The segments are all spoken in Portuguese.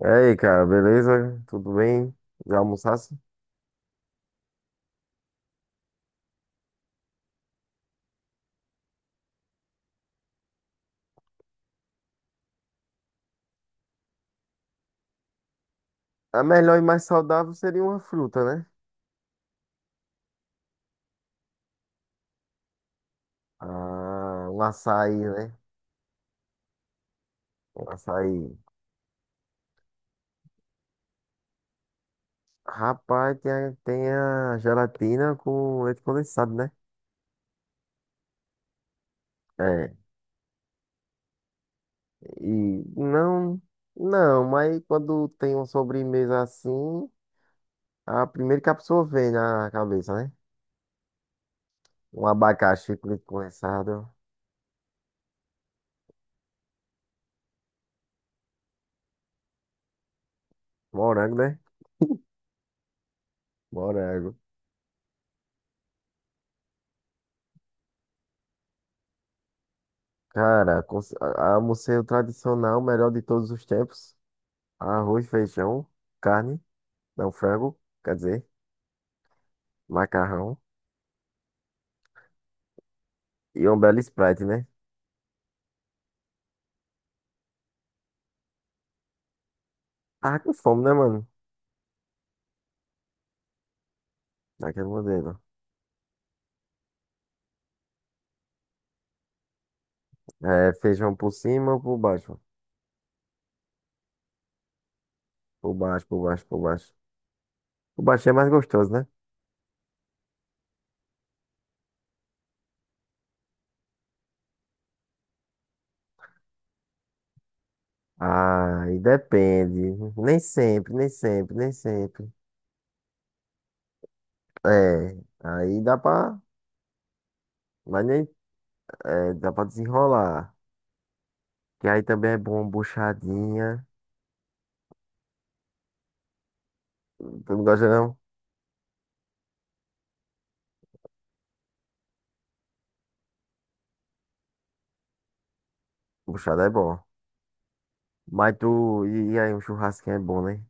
E aí, cara, beleza? Tudo bem? Já almoçasse? A melhor e mais saudável seria uma fruta, né? Ah, um açaí, né? Um açaí. Rapaz, tem a gelatina com leite condensado, né? É. E não, não, Mas quando tem uma sobremesa assim, a primeira que a pessoa vem na cabeça, né? Um abacaxi com leite condensado. Morango, né? Morango. Cara, almocei o tradicional, melhor de todos os tempos. Arroz, feijão, carne, não, frango, quer dizer, macarrão e um belo Sprite, né? Tava com fome, né, mano? Daquele modelo. É, feijão por cima ou por baixo? Por baixo, por baixo, por baixo. Por baixo é mais gostoso, né? Ah, e depende. Nem sempre, nem sempre, nem sempre. É, aí dá pra. Mas nem. É, dá pra desenrolar. Que aí também é bom, buchadinha. Tu não gosta, não? Buchada é bom. Mas tu. E aí, um churrasquinho é bom, né?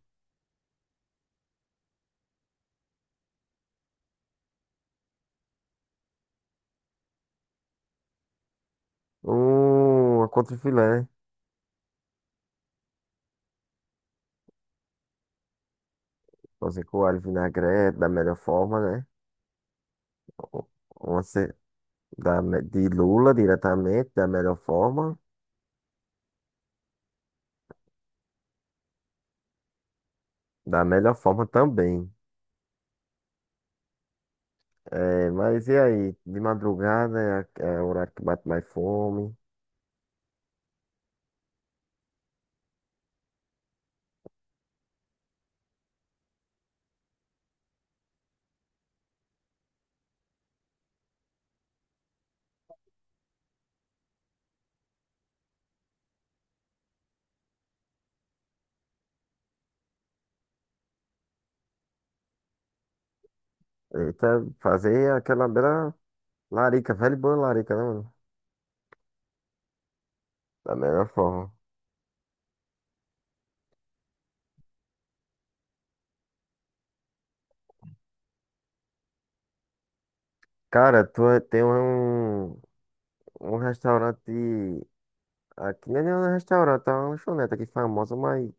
Uma contra filé. Fazer com alho e vinagrete da melhor forma, né? Uma ce- da, me- De lula diretamente, da melhor forma. Da melhor forma também. É, mas e aí? De madrugada é o horário que bate mais fome. Eita, fazer aquela bela larica, velho e boa larica, né, mano? Da melhor forma. Cara, tem um restaurante aqui, não é nem um restaurante, é uma lanchonete aqui famosa, mas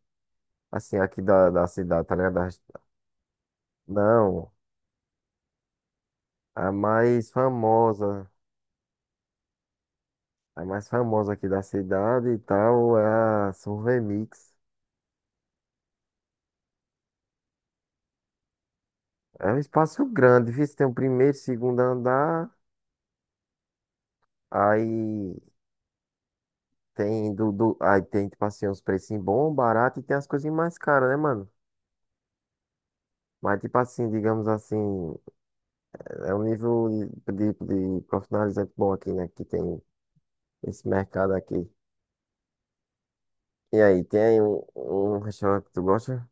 assim, aqui da cidade, tá ligado? Das... Não, a mais famosa, a mais famosa aqui da cidade e tal é a Survey Mix. É um espaço grande, viu? Tem o primeiro, segundo andar, aí aí tem, tipo assim, uns precinhos bons, barato e tem as coisinhas mais caras, né, mano? Mas, tipo assim, digamos assim, é um nível de, de, de profissionalizante bom aqui, né? Que tem esse mercado aqui. E aí, tem um restaurante que tu gosta?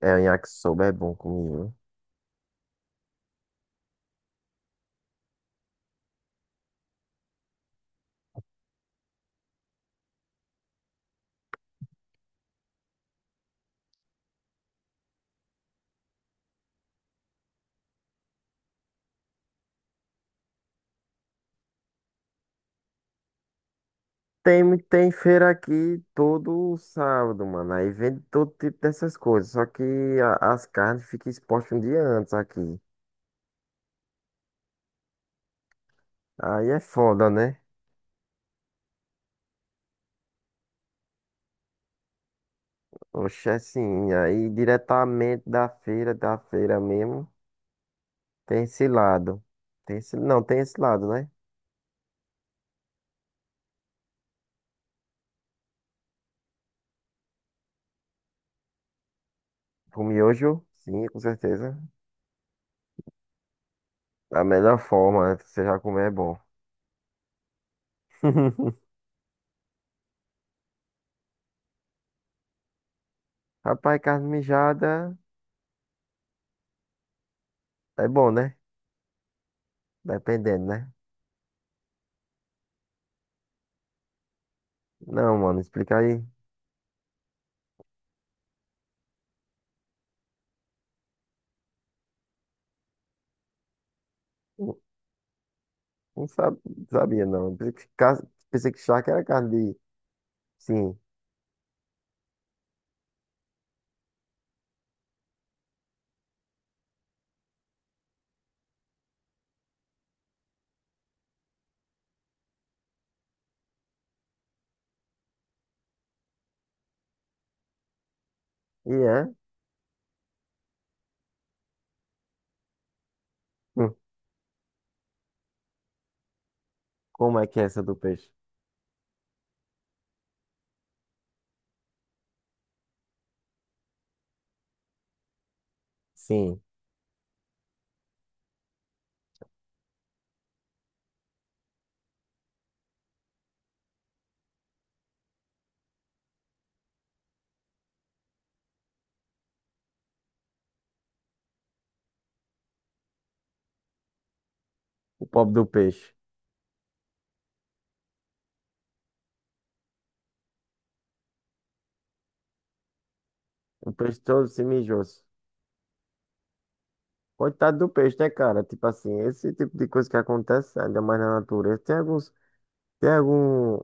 É, o yakisoba é bom comigo. Tem, tem feira aqui todo sábado, mano. Aí vende todo tipo dessas coisas. Só que as carnes ficam expostas um dia antes aqui. Aí é foda, né? Oxe, é assim. Aí diretamente da feira mesmo, tem esse lado. Tem esse, não, Tem esse lado, né? O miojo, sim, com certeza. Da melhor forma, né? Você já comer é bom. Rapaz, carne mijada é bom, né? Dependendo, né? Não, mano, explica aí. Não, não sabe- sabia, não. Pensei que, pensei que charque era carne de. Sim. E é? Hum. Como é que é essa do peixe? Sim. O pobre do peixe. O peixe todo se mijou. Coitado do peixe, né, cara? Tipo assim, esse tipo de coisa que acontece, ainda mais na natureza. Tem alguns. Tem algum.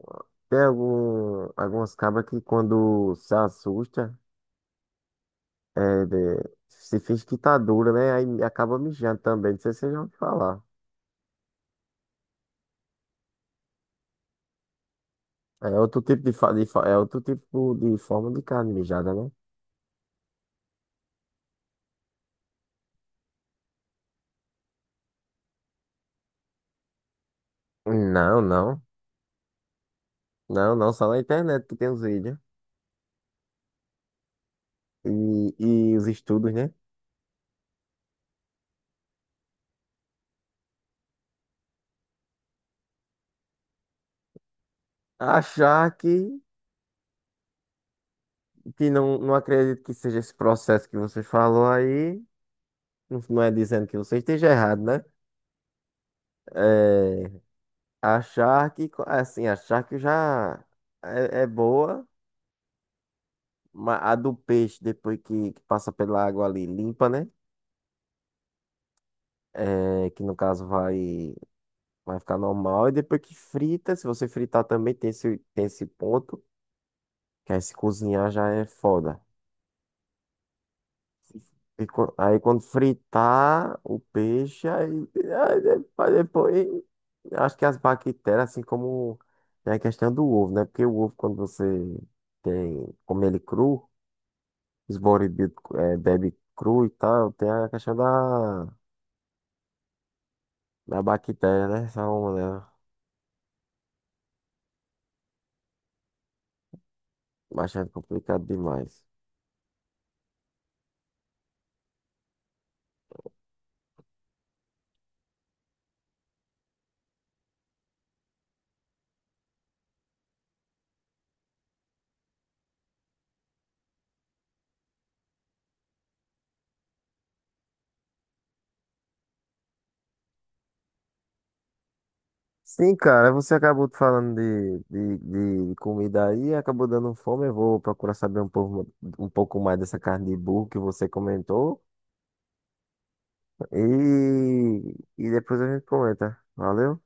Tem algum. Algumas cabras que quando se assusta, é, se finge que tá dura, né? Aí acaba mijando também. Não sei se vocês já ouviram falar. É outro tipo de, é outro tipo de forma de carne mijada, né? Não, não. Não, não, só na internet que tem os vídeos. E, e os estudos, né? Achar que não, não acredito que seja esse processo que você falou aí, não, não é dizendo que você esteja errado, né? É, achar que, assim, achar que já é, é boa, mas a do peixe, depois que passa pela água ali, limpa, né? É, que no caso vai. Vai ficar normal. E depois que frita, se você fritar também tem esse ponto, que aí se cozinhar já é foda. Aí quando fritar o peixe, aí, aí depois, acho que as bactérias, assim como tem a questão do ovo, né? Porque o ovo, quando você tem, come ele cru, os bodybuilders é, bebe cru e tal, tem a questão da, da bactéria, né? Essa São, né? Bastante complicado demais. Sim, cara, você acabou falando de comida aí, acabou dando fome. Eu vou procurar saber um pouco mais dessa carne de burro que você comentou. E depois a gente comenta. Valeu?